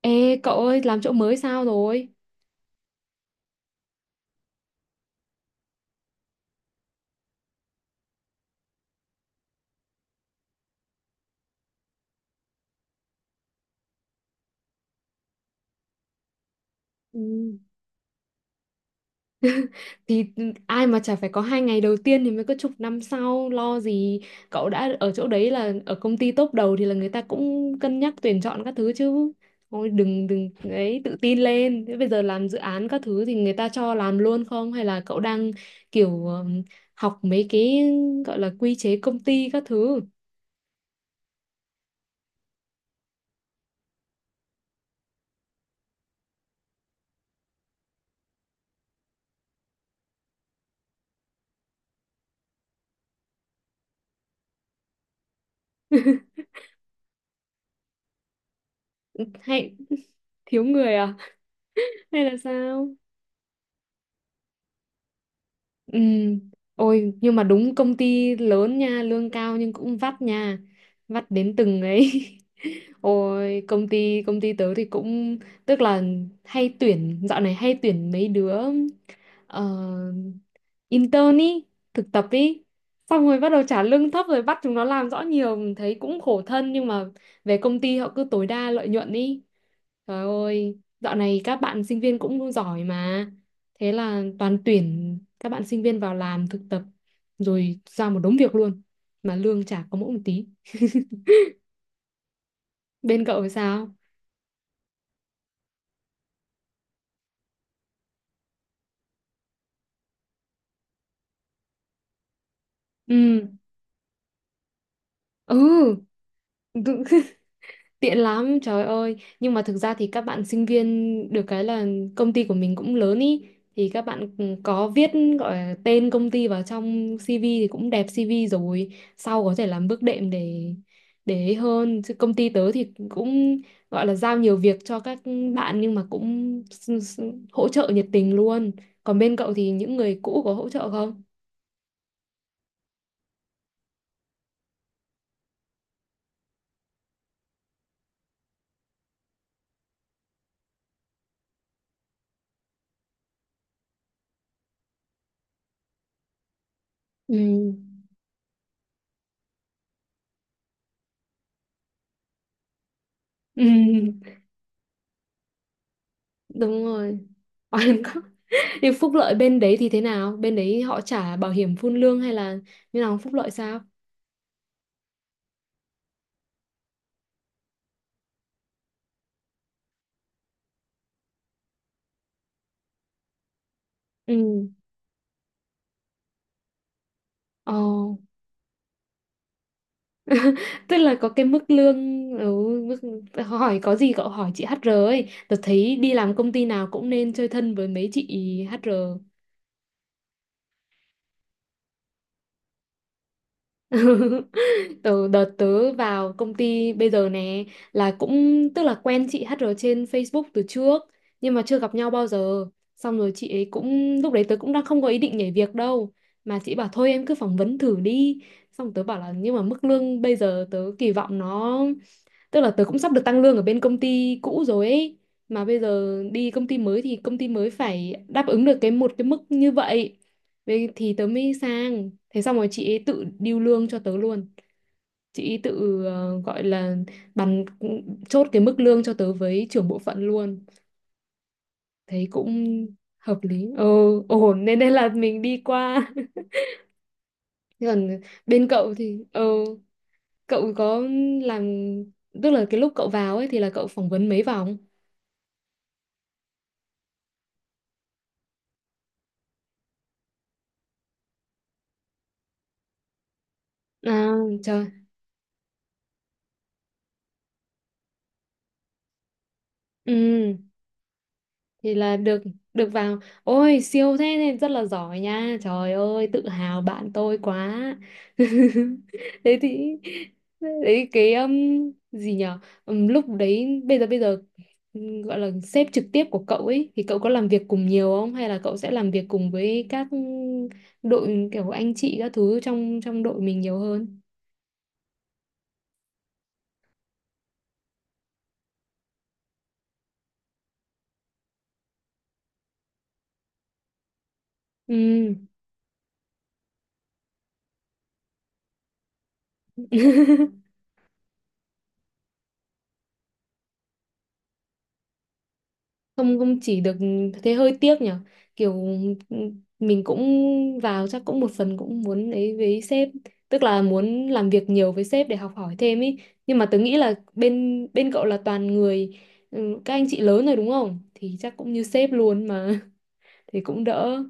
Ê cậu ơi, làm chỗ mới sao rồi? Ừ. Thì ai mà chả phải có hai ngày đầu tiên. Thì mới có chục năm sau, lo gì. Cậu đã ở chỗ đấy là ở công ty top đầu thì là người ta cũng cân nhắc tuyển chọn các thứ chứ. Thôi, đừng đừng ấy, tự tin lên. Thế bây giờ làm dự án các thứ thì người ta cho làm luôn không, hay là cậu đang kiểu học mấy cái gọi là quy chế công ty các thứ? Hay thiếu người à? Hay là sao? Ừ. Ôi nhưng mà đúng công ty lớn nha, lương cao nhưng cũng vắt nha. Vắt đến từng ấy. Ôi, công ty tớ thì cũng tức là hay tuyển, dạo này hay tuyển mấy đứa ờ, intern ý, thực tập ý. Xong rồi bắt đầu trả lương thấp rồi bắt chúng nó làm rõ nhiều, mình thấy cũng khổ thân, nhưng mà về công ty họ cứ tối đa lợi nhuận ý. Trời ơi, dạo này các bạn sinh viên cũng giỏi mà. Thế là toàn tuyển các bạn sinh viên vào làm thực tập rồi ra một đống việc luôn mà lương chả có mỗi một tí. Bên cậu thì sao? Ừ, ừ, tiện lắm, trời ơi. Nhưng mà thực ra thì các bạn sinh viên được cái là công ty của mình cũng lớn ý. Thì các bạn có viết gọi là tên công ty vào trong CV thì cũng đẹp CV rồi. Sau có thể làm bước đệm để ấy hơn. Chứ công ty tớ thì cũng gọi là giao nhiều việc cho các bạn nhưng mà cũng hỗ trợ nhiệt tình luôn. Còn bên cậu thì những người cũ có hỗ trợ không? Ừ. Ừ. Đúng rồi, oan có nhưng phúc lợi bên đấy thì thế nào, bên đấy họ trả bảo hiểm phun lương hay là như nào, phúc lợi sao? Ừ, ồ, tức là có cái mức lương, ừ, mức hỏi có gì cậu hỏi chị HR ấy, tớ thấy đi làm công ty nào cũng nên chơi thân với mấy chị HR. Từ đợt tớ vào công ty bây giờ nè là cũng tức là quen chị HR trên Facebook từ trước nhưng mà chưa gặp nhau bao giờ, xong rồi chị ấy cũng, lúc đấy tớ cũng đang không có ý định nhảy việc đâu, mà chị bảo thôi em cứ phỏng vấn thử đi. Xong tớ bảo là nhưng mà mức lương bây giờ tớ kỳ vọng nó, tức là tớ cũng sắp được tăng lương ở bên công ty cũ rồi ấy, mà bây giờ đi công ty mới thì công ty mới phải đáp ứng được cái một cái mức như vậy. Vậy thì tớ mới sang. Thế xong rồi chị ấy tự điêu lương cho tớ luôn, chị tự gọi là bàn, chốt cái mức lương cho tớ với trưởng bộ phận luôn, thấy cũng hợp lý, ờ, ổn, nên nên là mình đi qua. Thế còn bên cậu thì ờ, cậu có làm, tức là cái lúc cậu vào ấy thì là cậu phỏng vấn mấy vòng? À, trời, ừ, thì là được, được vào. Ôi siêu thế, nên rất là giỏi nha, trời ơi, tự hào bạn tôi quá. Thế thì đấy cái gì nhở? Lúc đấy, bây giờ gọi là sếp trực tiếp của cậu ấy thì cậu có làm việc cùng nhiều không, hay là cậu sẽ làm việc cùng với các đội kiểu anh chị các thứ trong trong đội mình nhiều hơn? Ừ. Không không chỉ được, thế hơi tiếc nhở, kiểu ừ, mình cũng vào chắc cũng một phần cũng muốn ấy với sếp, tức là muốn làm việc nhiều với sếp để học hỏi thêm ý, nhưng mà tớ nghĩ là bên bên cậu là toàn người, ừ, các anh chị lớn rồi đúng không, thì chắc cũng như sếp luôn mà. Thì cũng đỡ,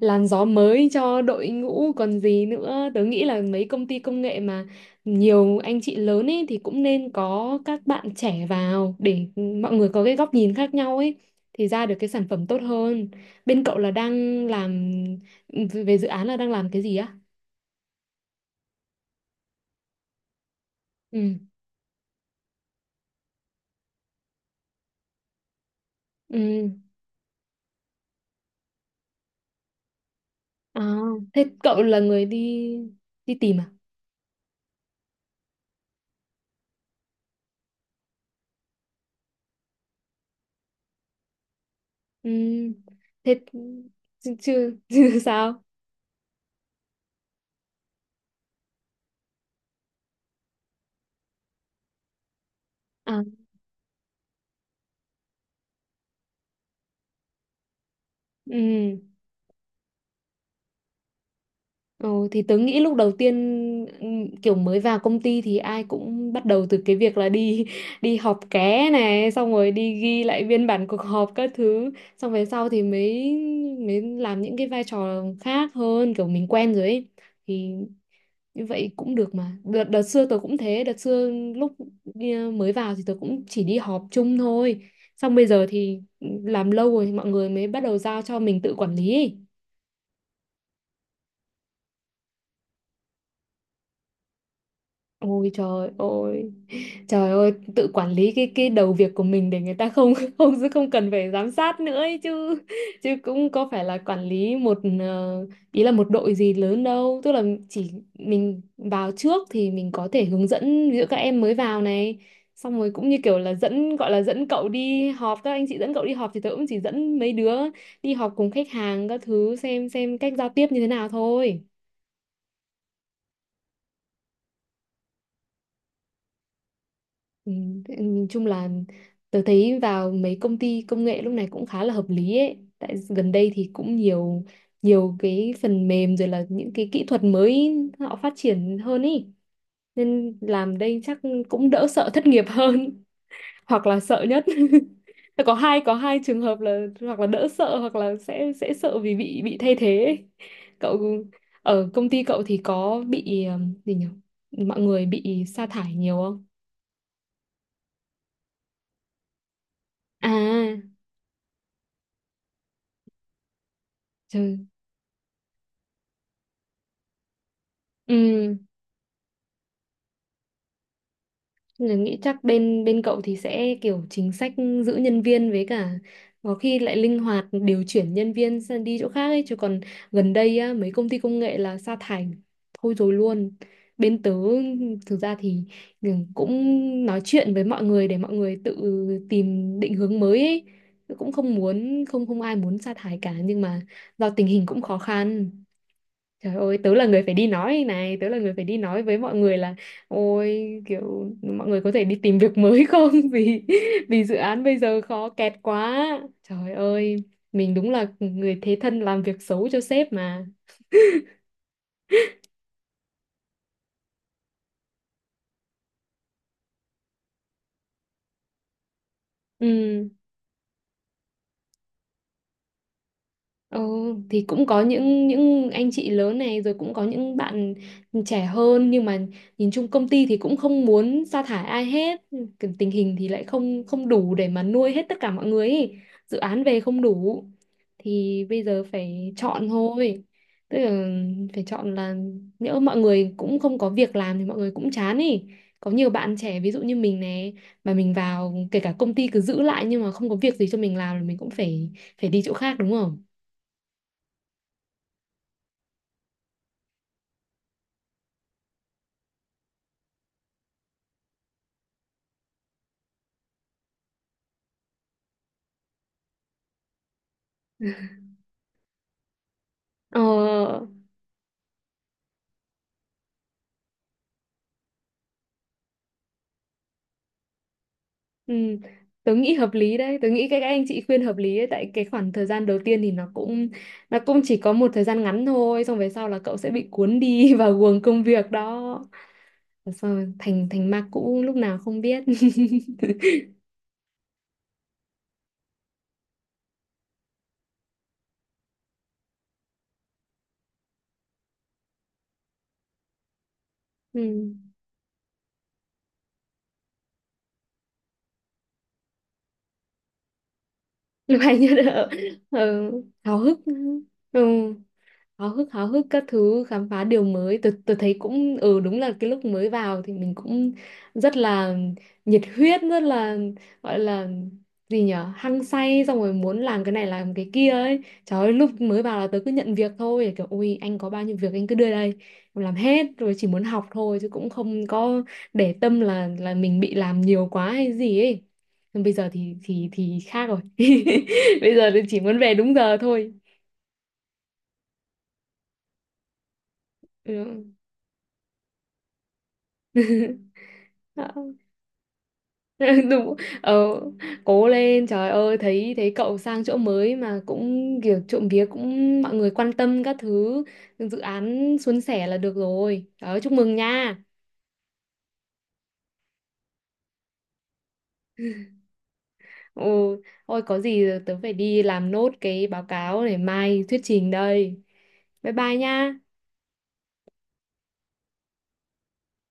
làn gió mới cho đội ngũ còn gì nữa. Tớ nghĩ là mấy công ty công nghệ mà nhiều anh chị lớn ấy thì cũng nên có các bạn trẻ vào để mọi người có cái góc nhìn khác nhau ấy, thì ra được cái sản phẩm tốt hơn. Bên cậu là đang làm về dự án là đang làm cái gì á? Ừ, ừ, à, thế cậu là người đi đi tìm à? Ừ, thế chứ, chứ, sao? À, ừ. Ừ, thì tớ nghĩ lúc đầu tiên kiểu mới vào công ty thì ai cũng bắt đầu từ cái việc là đi đi họp ké này, xong rồi đi ghi lại biên bản cuộc họp các thứ, xong về sau thì mới mới làm những cái vai trò khác hơn kiểu mình quen rồi ấy, thì như vậy cũng được mà. Đợt xưa tớ cũng thế, đợt xưa lúc mới vào thì tớ cũng chỉ đi họp chung thôi, xong bây giờ thì ừ, làm lâu rồi mọi người mới bắt đầu giao cho mình tự quản lý ấy. Ôi trời ơi, trời ơi, tự quản lý cái đầu việc của mình để người ta không không không cần phải giám sát nữa ấy chứ, chứ cũng có phải là quản lý một ý là một đội gì lớn đâu, tức là chỉ mình vào trước thì mình có thể hướng dẫn ví dụ các em mới vào này, xong rồi cũng như kiểu là dẫn, gọi là dẫn cậu đi họp, các anh chị dẫn cậu đi họp thì tớ cũng chỉ dẫn mấy đứa đi họp cùng khách hàng các thứ, xem cách giao tiếp như thế nào thôi. Ừ, thế nhìn chung là tớ thấy vào mấy công ty công nghệ lúc này cũng khá là hợp lý ấy. Tại gần đây thì cũng nhiều nhiều cái phần mềm rồi là những cái kỹ thuật mới họ phát triển hơn ý. Nên làm đây chắc cũng đỡ sợ thất nghiệp hơn, hoặc là sợ nhất. Có hai, có hai trường hợp là hoặc là đỡ sợ, hoặc là sẽ sợ vì bị thay thế ấy. Cậu ở công ty cậu thì có bị gì nhỉ, mọi người bị sa thải nhiều không? À, trời, ừ, mình nghĩ chắc bên bên cậu thì sẽ kiểu chính sách giữ nhân viên, với cả có khi lại linh hoạt điều chuyển nhân viên sang đi chỗ khác ấy chứ, còn gần đây á, mấy công ty công nghệ là sa thải thôi rồi luôn. Bên tớ thực ra thì ừ, cũng nói chuyện với mọi người để mọi người tự tìm định hướng mới ấy. Cũng không muốn, không không ai muốn sa thải cả nhưng mà do tình hình cũng khó khăn. Trời ơi, tớ là người phải đi nói này, tớ là người phải đi nói với mọi người là ôi kiểu mọi người có thể đi tìm việc mới không, vì vì dự án bây giờ khó kẹt quá. Trời ơi, mình đúng là người thế thân làm việc xấu cho sếp mà. Ừ. Ừ, thì cũng có những anh chị lớn này, rồi cũng có những bạn trẻ hơn, nhưng mà nhìn chung công ty thì cũng không muốn sa thải ai hết. Cái tình hình thì lại không không đủ để mà nuôi hết tất cả mọi người ý. Dự án về không đủ thì bây giờ phải chọn thôi, tức là phải chọn là nhỡ mọi người cũng không có việc làm thì mọi người cũng chán ý, có nhiều bạn trẻ ví dụ như mình này, mà mình vào kể cả công ty cứ giữ lại nhưng mà không có việc gì cho mình làm thì mình cũng phải phải đi chỗ khác, đúng không? Ờ, ừ, tớ nghĩ hợp lý đấy, tớ nghĩ các anh chị khuyên hợp lý đấy, tại cái khoảng thời gian đầu tiên thì nó cũng chỉ có một thời gian ngắn thôi, xong về sau là cậu sẽ bị cuốn đi vào guồng công việc đó, xong rồi thành thành ma cũ lúc nào không biết. Ừ. Lúc hay nhất là ừ, háo hức. Ừ, háo hức các thứ, khám phá điều mới, tôi thấy cũng ừ đúng là cái lúc mới vào thì mình cũng rất là nhiệt huyết, rất là gọi là gì nhở, hăng say, xong rồi muốn làm cái này làm cái kia ấy. Trời ơi, lúc mới vào là tớ cứ nhận việc thôi, kiểu ui anh có bao nhiêu việc anh cứ đưa đây em làm hết, rồi chỉ muốn học thôi chứ cũng không có để tâm là mình bị làm nhiều quá hay gì ấy. Nhưng bây giờ thì thì khác rồi, bây giờ thì chỉ muốn về đúng giờ thôi. Ừ. Dạ. Đúng, ờ, cố lên. Trời ơi, thấy thấy cậu sang chỗ mới mà cũng kiểu trộm vía cũng mọi người quan tâm các thứ, dự án suôn sẻ là được rồi. Trời ơi, chúc mừng nha. Ừ, thôi có gì tớ phải đi làm nốt cái báo cáo để mai thuyết trình đây, bye bye nha.